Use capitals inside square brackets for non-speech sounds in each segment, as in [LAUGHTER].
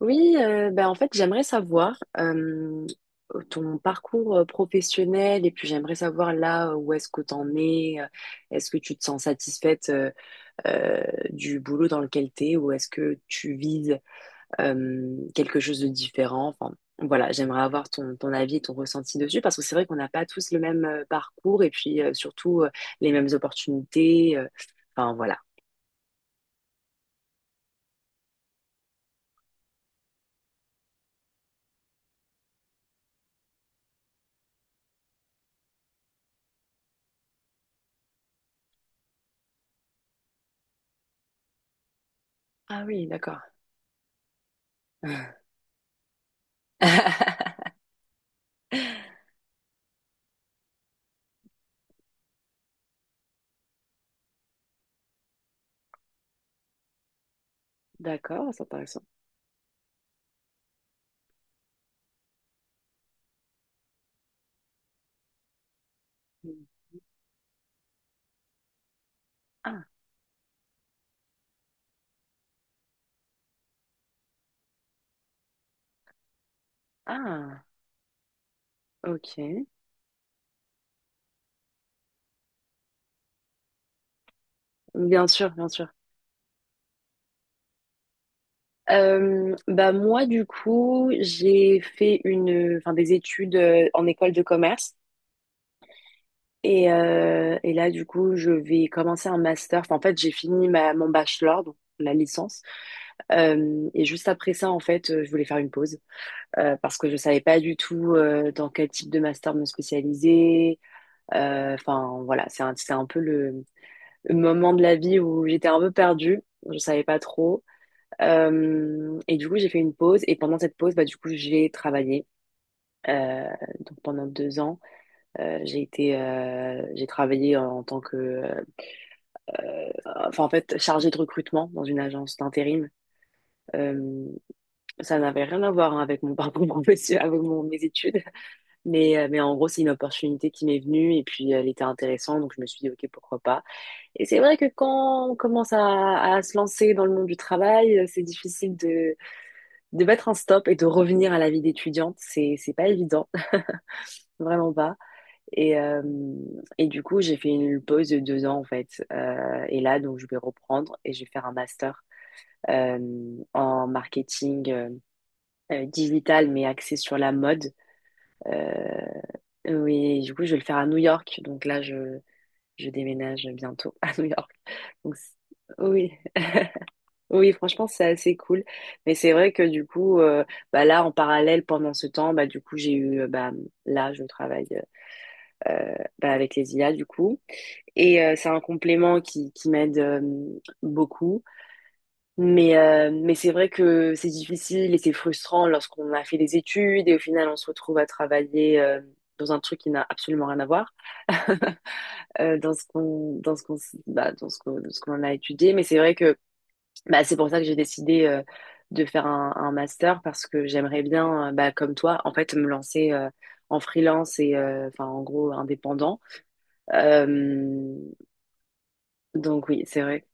Oui, ben en fait, j'aimerais savoir ton parcours professionnel et puis j'aimerais savoir là où est-ce que tu en es. Est-ce que tu te sens satisfaite euh, du boulot dans lequel tu es ou est-ce que tu vises quelque chose de différent? Enfin, voilà, j'aimerais avoir ton avis et ton ressenti dessus parce que c'est vrai qu'on n'a pas tous le même parcours et puis surtout les mêmes opportunités. Enfin, voilà. Ah oui, d'accord. [LAUGHS] D'accord, c'est intéressant. Ah, ah. Ok, bien sûr, bien sûr. Bah moi du coup j'ai fait enfin des études en école de commerce et là du coup je vais commencer un master. Enfin, en fait j'ai fini mon bachelor donc la licence. Et juste après ça en fait je voulais faire une pause parce que je savais pas du tout dans quel type de master me spécialiser. Enfin voilà c'est un peu le moment de la vie où j'étais un peu perdue, je savais pas trop. Et du coup, j'ai fait une pause. Et pendant cette pause, bah, du coup, j'ai travaillé. Euh, donc pendant 2 ans, j'ai travaillé en tant que, euh, enfin en fait, chargée de recrutement dans une agence d'intérim. Euh, Ça n'avait rien à voir hein, avec mon [LAUGHS] parcours professionnel, avec mes études, mais mais en gros, c'est une opportunité qui m'est venue et puis elle était intéressante, donc je me suis dit ok, pourquoi pas. Et c'est vrai que quand on commence à se lancer dans le monde du travail, c'est difficile de mettre un stop et de revenir à la vie d'étudiante, c'est pas évident, [LAUGHS] vraiment pas. Et et du coup, j'ai fait une pause de 2 ans en fait. Et là, donc, je vais reprendre et je vais faire un master euh, en marketing digital, mais axé sur la mode. Euh, oui, du coup, je vais le faire à New York. Donc là, je déménage bientôt [LAUGHS] à New York. Donc, c- oui. Oui, franchement, c'est assez cool. Mais c'est vrai que du coup, bah là, en parallèle, pendant ce temps, bah du coup, bah là, je travaille bah, avec les IA du coup, et c'est un complément qui m'aide beaucoup. Mais mais c'est vrai que c'est difficile et c'est frustrant lorsqu'on a fait des études et au final, on se retrouve à travailler dans un truc qui n'a absolument rien à voir [LAUGHS] dans ce qu'on dans ce qu'on a étudié. Mais c'est vrai que bah, c'est pour ça que j'ai décidé de faire un master parce que j'aimerais bien, bah, comme toi, en fait, me lancer en freelance et enfin, en gros, indépendant. Euh, donc oui, c'est vrai.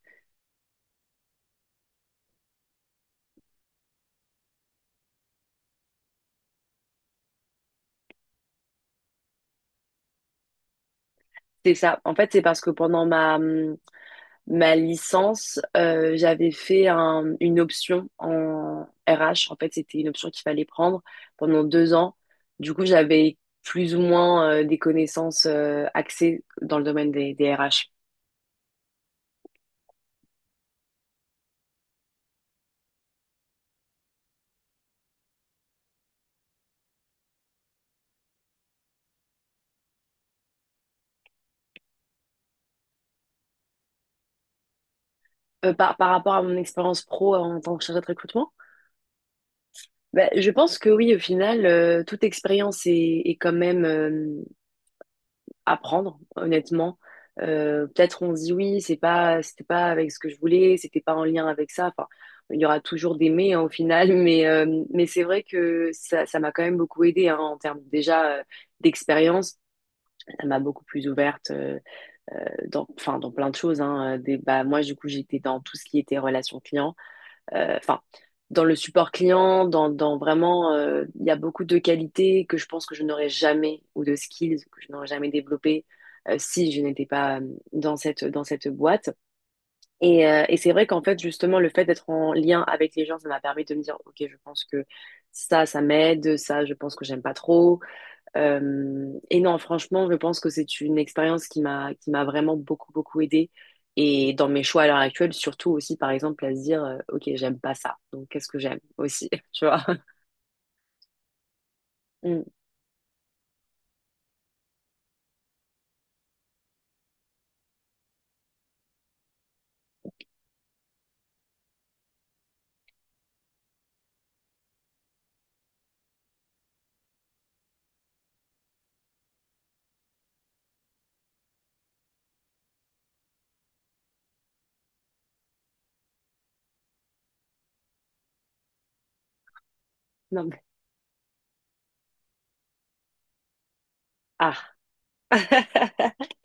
C'est ça. En fait, c'est parce que pendant ma ma licence, j'avais une option en RH. En fait, c'était une option qu'il fallait prendre pendant 2 ans. Du coup, j'avais plus ou moins des connaissances axées dans le domaine des RH. Par rapport à mon expérience pro en tant que chargée de recrutement, ben, je pense que oui, au final, toute expérience est quand même à prendre, honnêtement. Peut-être on se dit oui, c'était pas avec ce que je voulais, c'était pas en lien avec ça. Enfin, il y aura toujours des mais hein, au final, [LAUGHS] mais c'est vrai que ça m'a quand même beaucoup aidé hein, en termes déjà d'expérience. Ça m'a beaucoup plus ouverte. Enfin, dans plein de choses. Hein, bah, moi, du coup, j'étais dans tout ce qui était relation client. Euh, Enfin, dans le support client, dans vraiment, il y a beaucoup de qualités que je pense que je n'aurais jamais, ou de skills que je n'aurais jamais développées si je n'étais pas dans dans cette boîte. Et c'est vrai qu'en fait, justement, le fait d'être en lien avec les gens, ça m'a permis de me dire, OK, je pense que ça m'aide, ça, je pense que j'aime pas trop. Et non, franchement, je pense que c'est une expérience qui m'a vraiment beaucoup aidée et dans mes choix à l'heure actuelle, surtout aussi par exemple à se dire OK, j'aime pas ça. Donc qu'est-ce que j'aime aussi, [LAUGHS] tu vois? Mm. Non mais ah. [LAUGHS]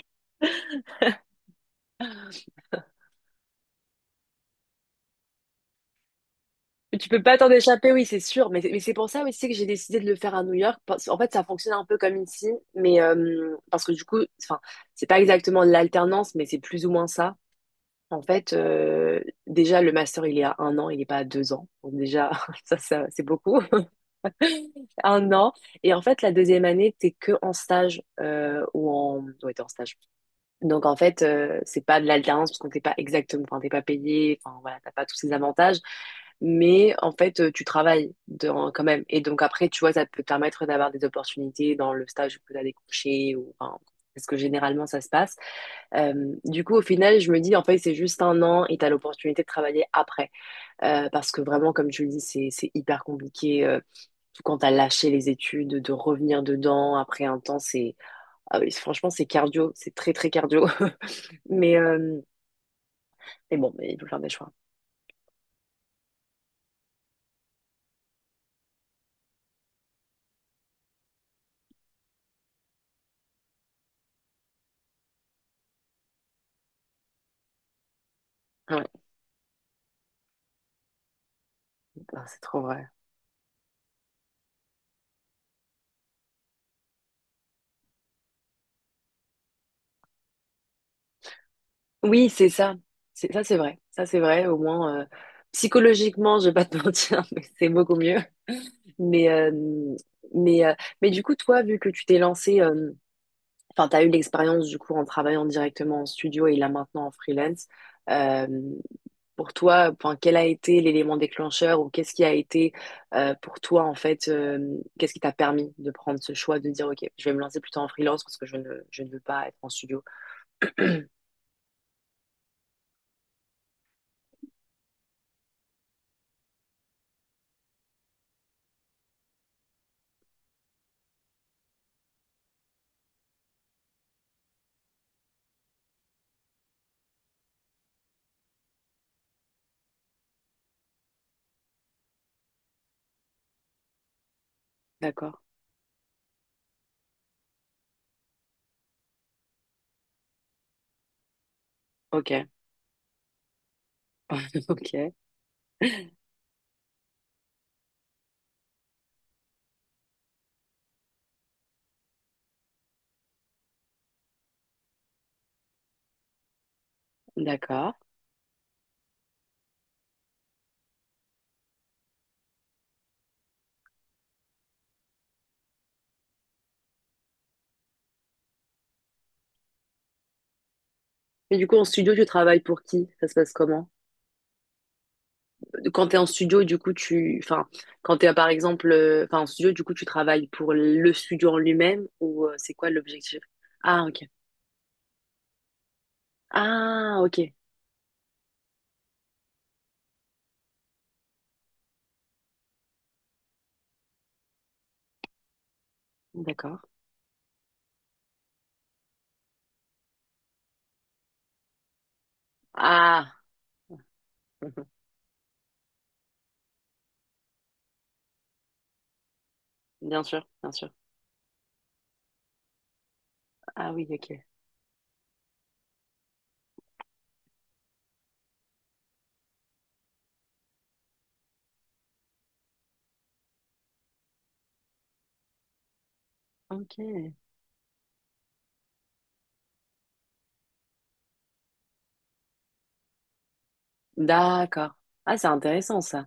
Mais tu peux pas t'en échapper, oui, c'est sûr. Mais c'est pour ça aussi que j'ai décidé de le faire à New York. En fait, ça fonctionne un peu comme ici, mais parce que du coup, enfin, c'est pas exactement de l'alternance, mais c'est plus ou moins ça. En fait, déjà, le master, il est à un an, il n'est pas à 2 ans. Donc déjà, [LAUGHS] ça c'est beaucoup. [LAUGHS] Un an. Et en fait, la deuxième année, t'es que en stage ou en... Ouais, t'es en stage. Donc en fait, c'est pas de l'alternance parce qu'on t'es pas exactement... Enfin, t'es pas payé. Enfin, voilà, t'as pas tous ces avantages. Mais en fait, tu travailles quand même. Et donc après, tu vois, ça peut te permettre d'avoir des opportunités dans le stage où tu as des couchers ou... Enfin, parce que généralement, ça se passe. Du coup, au final, je me dis, en fait, c'est juste un an et tu as l'opportunité de travailler après. Parce que vraiment, comme tu le dis, c'est hyper compliqué. Surtout quand tu as lâché les études, de revenir dedans après un temps, c'est... ah oui, franchement, c'est cardio. C'est très, très cardio. [LAUGHS] Mais, euh, mais bon, mais il faut faire des choix. Ouais, non, c'est trop vrai. Oui, c'est ça. Ça, c'est vrai. Ça, c'est vrai. Au moins, psychologiquement, je vais pas te [LAUGHS] mentir, mais c'est beaucoup mieux. Mais, euh, mais, euh, mais du coup, toi, vu que tu t'es lancé... Enfin, tu as eu l'expérience du coup en travaillant directement en studio et là maintenant en freelance. Euh, pour toi, enfin, quel a été l'élément déclencheur ou qu'est-ce qui a été pour toi en fait, qu'est-ce qui t'a permis de prendre ce choix de dire ok, je vais me lancer plutôt en freelance parce que je ne veux pas être en studio. D'accord. Ok. [LAUGHS] Ok. D'accord. Et du coup, en studio, tu travailles pour qui? Ça se passe comment? Quand tu es en studio, du coup, tu. Enfin, quand tu es par exemple enfin, en studio, du coup, tu travailles pour le studio en lui-même ou c'est quoi l'objectif? Ah, ok. Ah, ok. D'accord. Ah, [LAUGHS] bien sûr, bien sûr. Ah oui, ok. Ok. D'accord. Ah, c'est intéressant ça.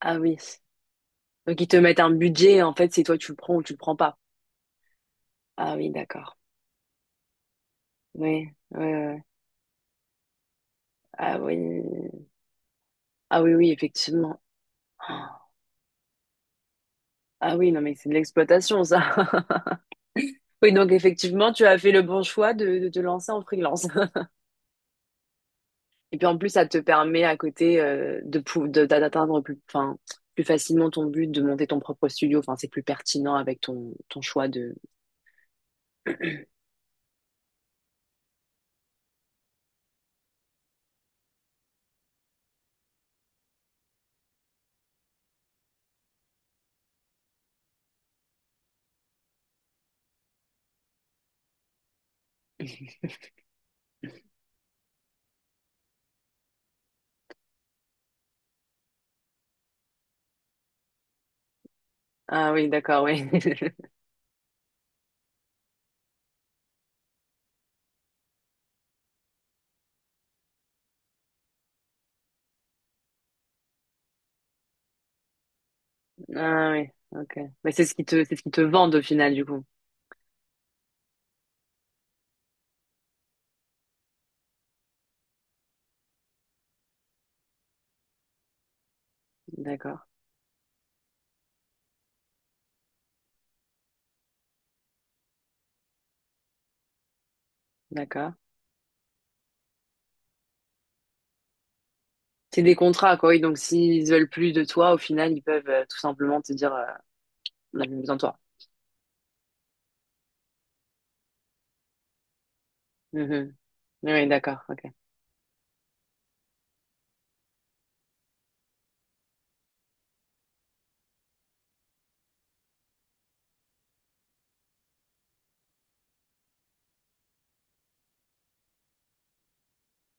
Ah oui. Donc ils te mettent un budget, en fait, c'est toi tu le prends ou tu le prends pas. Ah oui, d'accord. Oui, oui, oui, oui. Ah oui. Ah oui, oui, effectivement. Ah oui, non mais c'est de l'exploitation ça. [LAUGHS] Oui, donc effectivement, tu as fait le bon choix de te lancer en freelance. [LAUGHS] Et puis en plus, ça te permet à côté de, pou- de- d'a- d'atteindre plus, enfin, plus facilement ton but de monter ton propre studio. Enfin, c'est plus pertinent avec ton choix de. Ah oui, d'accord, oui. [LAUGHS] Ah oui, ok. Mais c'est ce qui te, c'est ce qui te vendent au final, du coup. D'accord, d'accord. C'est des contrats, quoi. Oui, donc s'ils veulent plus de toi, au final, ils peuvent tout simplement te dire, on n'a plus besoin de toi. Mhm. Oui, d'accord, ok.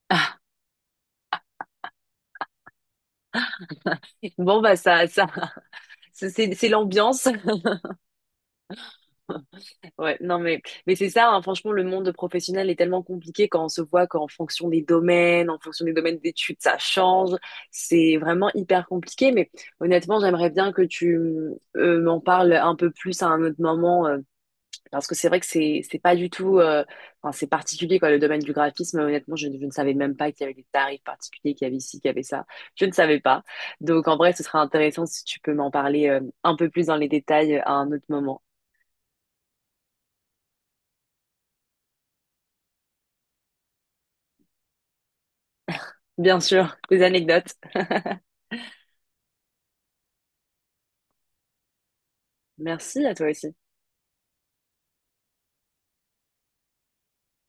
[LAUGHS] Bon, bah ça, ça, [LAUGHS] c'est l'ambiance. [LAUGHS] Ouais, non, mais c'est ça, hein, franchement, le monde professionnel est tellement compliqué quand on se voit qu'en fonction des domaines, en fonction des domaines d'études, ça change. C'est vraiment hyper compliqué, mais honnêtement, j'aimerais bien que tu m'en parles un peu plus à un autre moment, parce que c'est vrai que c'est pas du tout, enfin, c'est particulier, quoi, le domaine du graphisme. Honnêtement, je ne savais même pas qu'il y avait des tarifs particuliers, qu'il y avait ci, qu'il y avait ça. Je ne savais pas. Donc, en vrai, ce serait intéressant si tu peux m'en parler un peu plus dans les détails à un autre moment. Bien sûr, des anecdotes. Merci à toi aussi.